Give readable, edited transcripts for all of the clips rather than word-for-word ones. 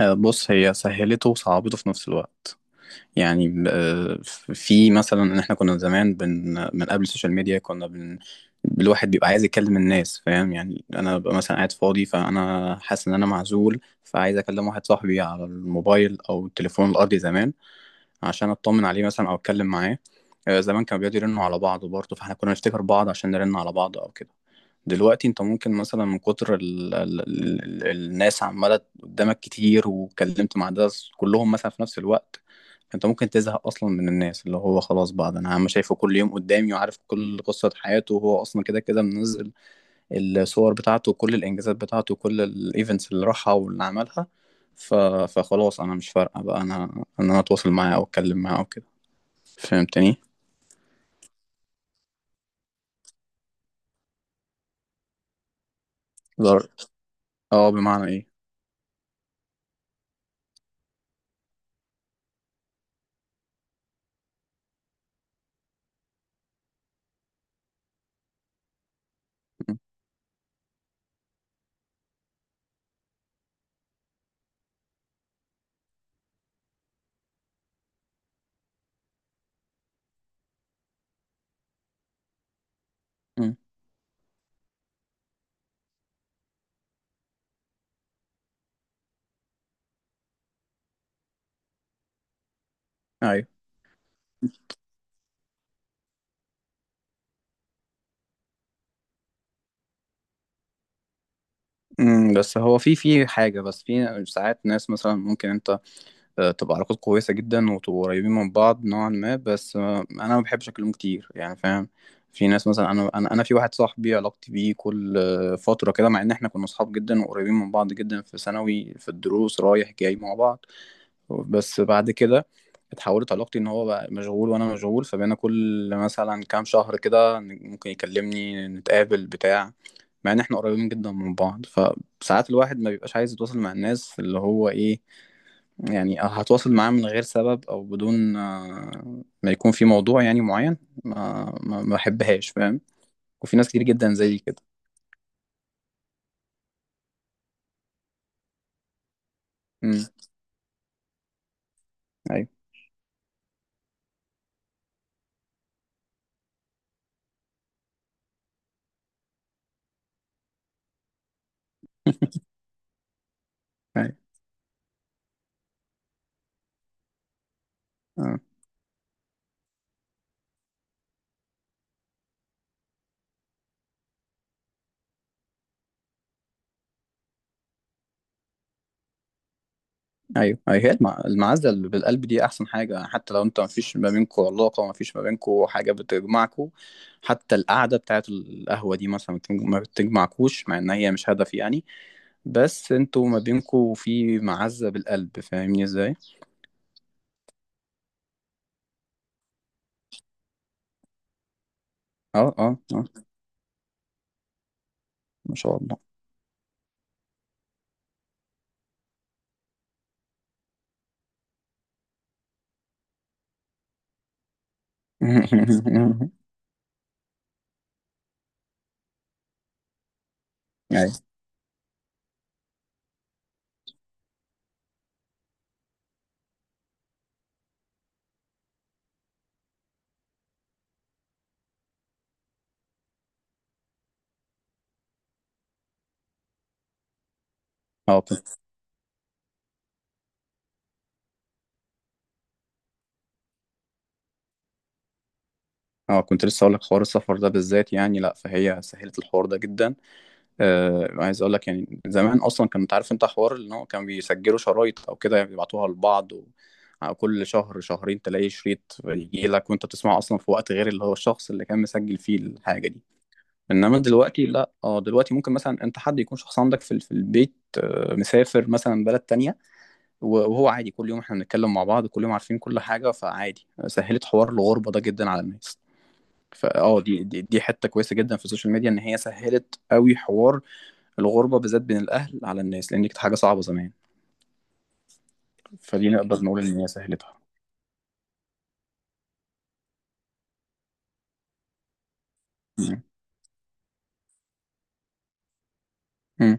آه، بص هي سهلته وصعبته في نفس الوقت. يعني، في مثلا ان احنا كنا زمان من قبل السوشيال ميديا كنا بن الواحد بيبقى عايز يكلم الناس، فاهم؟ يعني انا ببقى مثلا قاعد فاضي، فانا حاسس ان انا معزول، فعايز اكلم واحد صاحبي على الموبايل او التليفون الارضي زمان، عشان اطمن عليه مثلا او اتكلم معاه. زمان كانوا بيقعدوا يرنوا على بعض برضه، فاحنا كنا نفتكر بعض عشان نرن على بعض او كده. دلوقتي انت ممكن مثلا من كتر ال ال ال ال الناس عماله قدامك كتير، واتكلمت مع ده كلهم مثلا في نفس الوقت. انت ممكن تزهق اصلا من الناس، اللي هو خلاص بعض انا عم شايفه كل يوم قدامي، وعارف كل قصة حياته، وهو اصلا كده كده منزل الصور بتاعته، وكل الانجازات بتاعته، وكل الايفنتس اللي راحها واللي عملها. ف... فخلاص انا مش فارقه بقى انا ان انا اتواصل معاه او اتكلم معاه وكده، فهمتني؟ ضر... اه، بمعنى ايه؟ م- م- ايوه. بس هو في حاجه، بس في ساعات ناس مثلا ممكن انت تبقى علاقات كويسة جدا وتبقوا قريبين من بعض نوعا ما، بس أنا ما بحبش أكلمه كتير يعني، فاهم؟ في ناس مثلا، أنا في واحد صاحبي علاقتي بيه كل فترة كده، مع إن إحنا كنا أصحاب جدا وقريبين من بعض جدا في ثانوي، في الدروس رايح جاي مع بعض. بس بعد كده اتحولت علاقتي إن هو بقى مشغول وأنا مشغول، فبقينا كل مثلا كام شهر كده ممكن يكلمني، نتقابل بتاع، مع إن إحنا قريبين جدا من بعض. فساعات الواحد ما بيبقاش عايز يتواصل مع الناس، اللي هو إيه يعني هتواصل معاه من غير سبب او بدون ما يكون في موضوع يعني معين، ما بحبهاش، فاهم؟ وفي ناس كتير جدا زي كده. امم. ايوه. ايوه. آه، ايوه. ايوه، هي المعزه اللي بالقلب دي احسن حاجه، حتى لو انت ما فيش ما بينكم علاقه، ما فيش ما بينكم حاجه بتجمعكم، حتى القعده بتاعت القهوه دي مثلا ما بتجمعكوش، مع ان هي مش هدف يعني، بس انتوا ما بينكم في معزه بالقلب، فاهمني ازاي؟ اه، اه، اه. ما شاء الله. ايوه. اه كنت اه كنت لسه اقول لك حوار السفر ده بالذات، يعني لا، فهي سهلت الحوار ده جدا. عايز اقول لك يعني زمان، اصلا كنت عارف انت حوار ان هو كان بيسجلوا شرايط او كده، يعني بيبعتوها لبعض. على كل شهر شهرين تلاقي شريط يجي لك، وانت بتسمعه اصلا في وقت غير اللي هو الشخص اللي كان مسجل فيه الحاجه دي. انما دلوقتي لا، اه دلوقتي ممكن مثلا انت، حد يكون شخص عندك في البيت، مسافر مثلا بلد تانية. وهو عادي كل يوم احنا بنتكلم مع بعض، كل يوم عارفين كل حاجه، فعادي سهلت حوار الغربه ده جدا على الناس. دي حته كويسه جدا في السوشيال ميديا، ان هي سهلت قوي حوار الغربه بالذات بين الاهل على الناس، لان دي كانت حاجه صعبه زمان. فدي نقدر نقول ان هي سهلتها. مم. مم.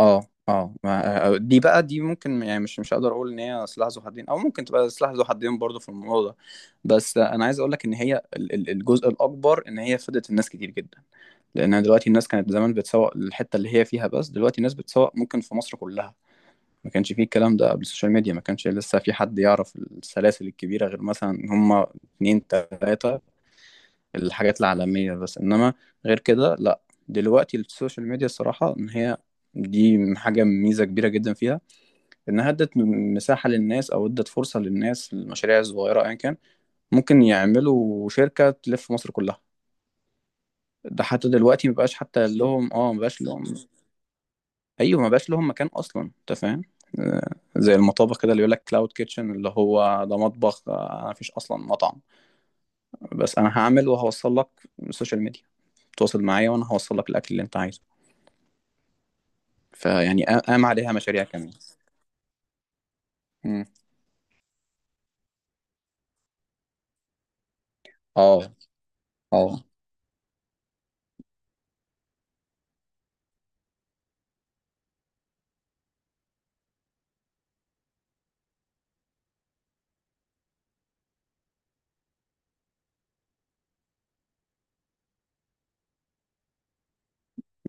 اه، اه. دي بقى دي ممكن، يعني مش هقدر اقول ان هي سلاح ذو حدين، او ممكن تبقى سلاح ذو حدين برضه في الموضوع ده. بس انا عايز اقول لك ان هي الجزء الاكبر ان هي فادت الناس كتير جدا، لان دلوقتي الناس كانت زمان بتسوق الحته اللي هي فيها، بس دلوقتي الناس بتسوق ممكن في مصر كلها. ما كانش فيه الكلام ده قبل السوشيال ميديا، ما كانش لسه في حد يعرف السلاسل الكبيرة غير مثلا هما اتنين تلاتة، الحاجات العالمية بس. إنما غير كده لأ، دلوقتي السوشيال ميديا الصراحة إن هي دي حاجة، ميزة كبيرة جدا فيها، إنها ادت مساحة للناس، أو ادت فرصة للناس، المشاريع الصغيرة أيا كان ممكن يعملوا شركة تلف مصر كلها. ده حتى دلوقتي مبقاش حتى لهم، اه مبقاش لهم. ايوه، ما بقاش لهم مكان اصلا، انت فاهم؟ آه، زي المطابخ كده اللي يقول لك كلاود كيتشن، اللي هو ده مطبخ، انا مفيش اصلا مطعم، بس انا هعمل وهوصل لك من السوشيال ميديا، تواصل معايا وانا هوصل لك الاكل اللي انت عايزه. فيعني قام عليها مشاريع كمان. مم. اه، اه.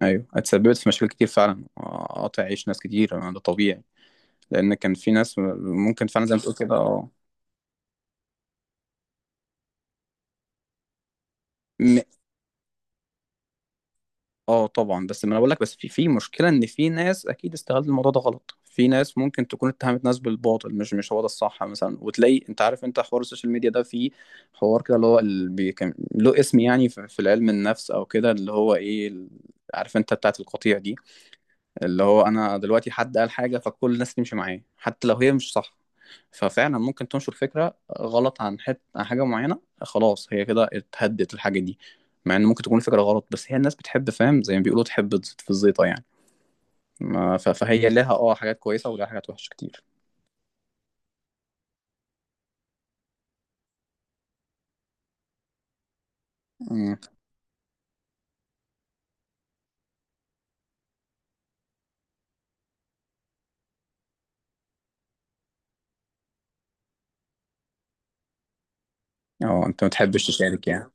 ايوه، اتسببت في مشاكل كتير فعلا، قاطع عيش ناس كتير، ده طبيعي، لان كان في ناس ممكن فعلا زي ما تقول كده، اه. م- اه طبعا، بس ما انا بقول لك، بس في مشكله ان في ناس اكيد استغلت الموضوع ده غلط، في ناس ممكن تكون اتهمت ناس بالباطل، مش هو ده الصح مثلا، وتلاقي انت عارف، انت حوار السوشيال ميديا ده فيه حوار كده اللي هو كان له اسم يعني في العلم النفس او كده، اللي هو ايه عارف انت بتاعت القطيع دي، اللي هو انا دلوقتي حد قال حاجه فكل الناس تمشي معاه حتى لو هي مش صح. ففعلا ممكن تنشر فكره غلط عن عن حاجه معينه، خلاص هي كده اتهدت الحاجه دي، مع ان ممكن تكون فكره غلط، بس هي الناس بتحب، فاهم؟ زي ما بيقولوا تحب تزيط في الزيطه يعني. ما ف... فهي لها اه حاجات كويسه ولها حاجات وحشه كتير. أمم. اه، انت ما تحبش تشارك يعني؟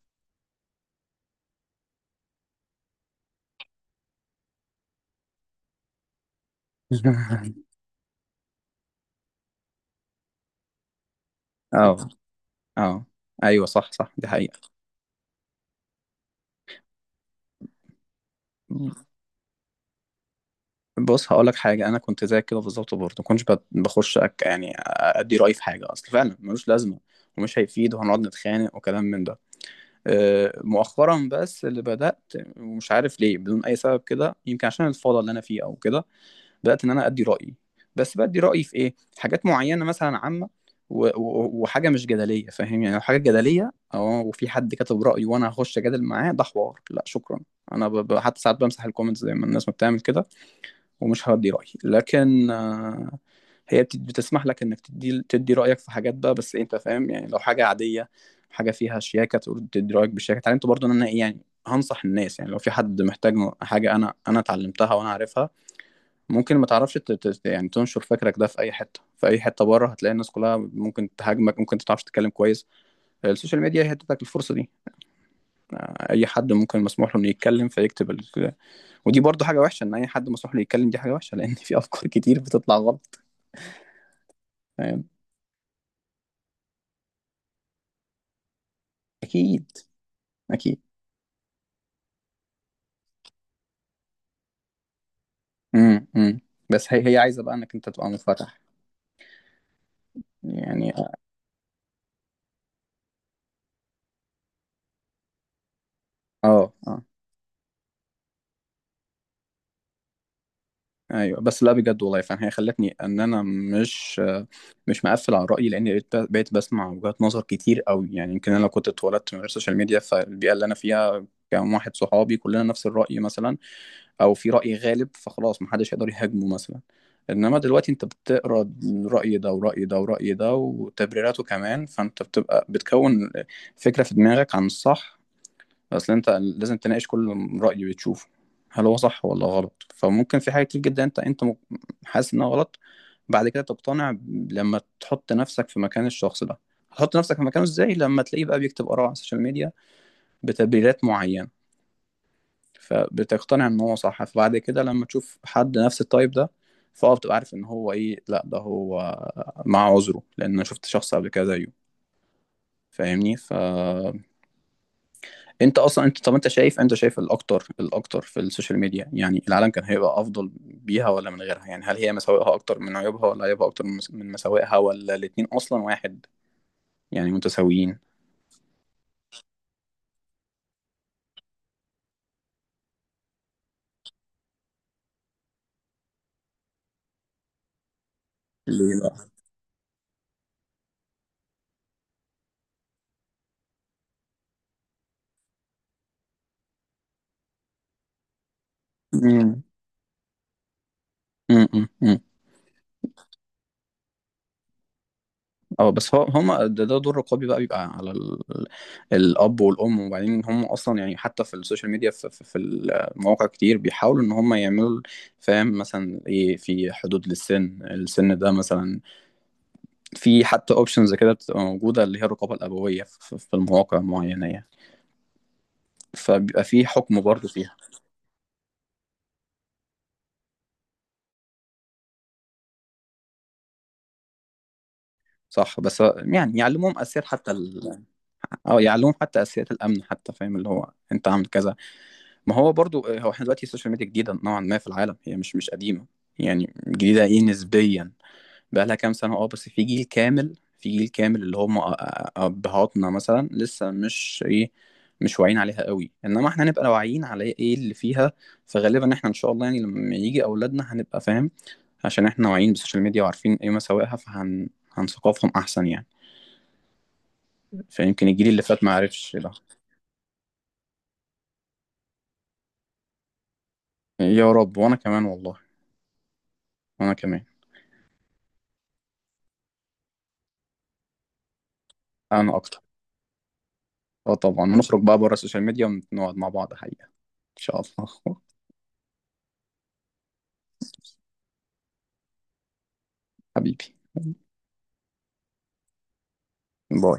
اه، اه. ايوه صح صح، دي حقيقه. بص هقول لك حاجه، انا كنت زيك كده بالظبط برضه، ما كنتش بخش أك يعني ادي رايي في حاجه، اصل فعلا ملوش لازمه، ومش هيفيد وهنقعد نتخانق وكلام من ده. أه، مؤخرا بس اللي بدات، ومش عارف ليه بدون اي سبب كده، يمكن عشان الفوضى اللي انا فيه او كده، بدات ان انا ادي رايي. بس بدي رايي في ايه؟ حاجات معينه مثلا عامه، وحاجه مش جدليه، فاهم يعني؟ لو حاجه جدليه، اه وفي حد كتب رايه، وانا هخش اجادل معاه، ده حوار لا شكرا. انا حتى ساعات بمسح الكومنتس زي ما الناس ما بتعمل كده، ومش هدي رأيي، لكن هي بتسمح لك انك تدي رأيك في حاجات بقى. بس انت فاهم يعني، لو حاجة عادية، حاجة فيها شياكة تقول تدي رأيك بشياكة، اتعلمت برضه ان انا إيه يعني هنصح الناس، يعني لو في حد محتاج حاجة انا اتعلمتها وانا عارفها، ممكن ما تعرفش يعني تنشر فكرك ده في اي حتة، في اي حتة بره هتلاقي الناس كلها ممكن تهاجمك، ممكن ما تعرفش تتكلم كويس. السوشيال ميديا هي ادتك الفرصة دي، اي حد ممكن مسموح له انه يتكلم فيكتب ودي برضه حاجة وحشة، ان اي حد مسموح له يتكلم، دي حاجة وحشة، لان في افكار كتير بتطلع غلط. فاهم. اكيد. اكيد. امم، امم. بس هي عايزه بقى انك انت تبقى منفتح يعني. اه، اه. ايوه، بس لا، بجد والله فعلا هي خلتني ان انا مش مقفل على رايي، لان بقيت بسمع وجهات نظر كتير قوي يعني. يمكن انا لو كنت اتولدت من غير سوشيال ميديا، فالبيئه اللي انا فيها كان واحد صحابي كلنا نفس الراي مثلا، او في رأي غالب فخلاص محدش هيقدر يهاجمه مثلا. انما دلوقتي انت بتقرا رأي ده ورأي ده ورأي ده وتبريراته كمان، فانت بتكون فكرة في دماغك عن الصح، اصل انت لازم تناقش كل رأي بتشوفه، هل هو صح ولا غلط؟ فممكن في حاجة كتير جدا انت حاسس انها غلط، بعد كده تقتنع لما تحط نفسك في مكان الشخص ده. هتحط نفسك في مكانه ازاي؟ لما تلاقيه بقى بيكتب آراء على السوشيال ميديا بتبريرات معينة، فبتقتنع ان هو صح، فبعد كده لما تشوف حد نفس التايب ده، فاه بتبقى عارف ان هو ايه، لا ده هو مع عذره، لان انا شفت شخص قبل كده زيه، فاهمني؟ فانت اصلا انت، طب انت شايف الاكتر، في السوشيال ميديا يعني، العالم كان هيبقى افضل بيها ولا من غيرها؟ يعني هل هي مساوئها اكتر من عيوبها، ولا عيوبها اكتر من مساوئها، ولا الاتنين اصلا واحد يعني متساويين؟ ليه لا. امم. اه، بس هو هم ده دور رقابي، بقى بيبقى على الاب والام. وبعدين هم اصلا يعني حتى في السوشيال ميديا، في المواقع كتير بيحاولوا ان هم يعملوا، فاهم مثلا ايه، في حدود للسن، السن ده مثلا في حتى اوبشنز كده بتبقى موجوده، اللي هي الرقابه الابويه في المواقع معينه يعني، فبيبقى في حكم برضه فيها. صح. بس يعني يعلموهم اساسيات حتى اه يعلموهم حتى اساسيات الامن حتى، فاهم؟ اللي هو انت عامل كذا. ما هو برضو هو احنا دلوقتي السوشيال ميديا جديدة نوعا ما في العالم، هي مش قديمة، يعني جديدة ايه، نسبيا، بقى لها كام سنة اه، بس في جيل كامل، في جيل كامل اللي هم أبهاتنا مثلا لسه مش ايه، مش واعيين عليها قوي، انما احنا هنبقى واعيين على ايه اللي فيها. فغالبا احنا ان شاء الله، يعني لما يجي اولادنا هنبقى فاهم، عشان احنا واعيين بالسوشيال ميديا وعارفين ايه مساوئها، فهن هنثقفهم احسن يعني، فيمكن الجيل اللي فات ما عرفش ده. يا رب، وانا كمان والله. وانا كمان. انا اكتر. اه طبعا، ونخرج بقى بره السوشيال ميديا ونقعد مع بعض حقيقة، ان شاء الله. حبيبي. باي.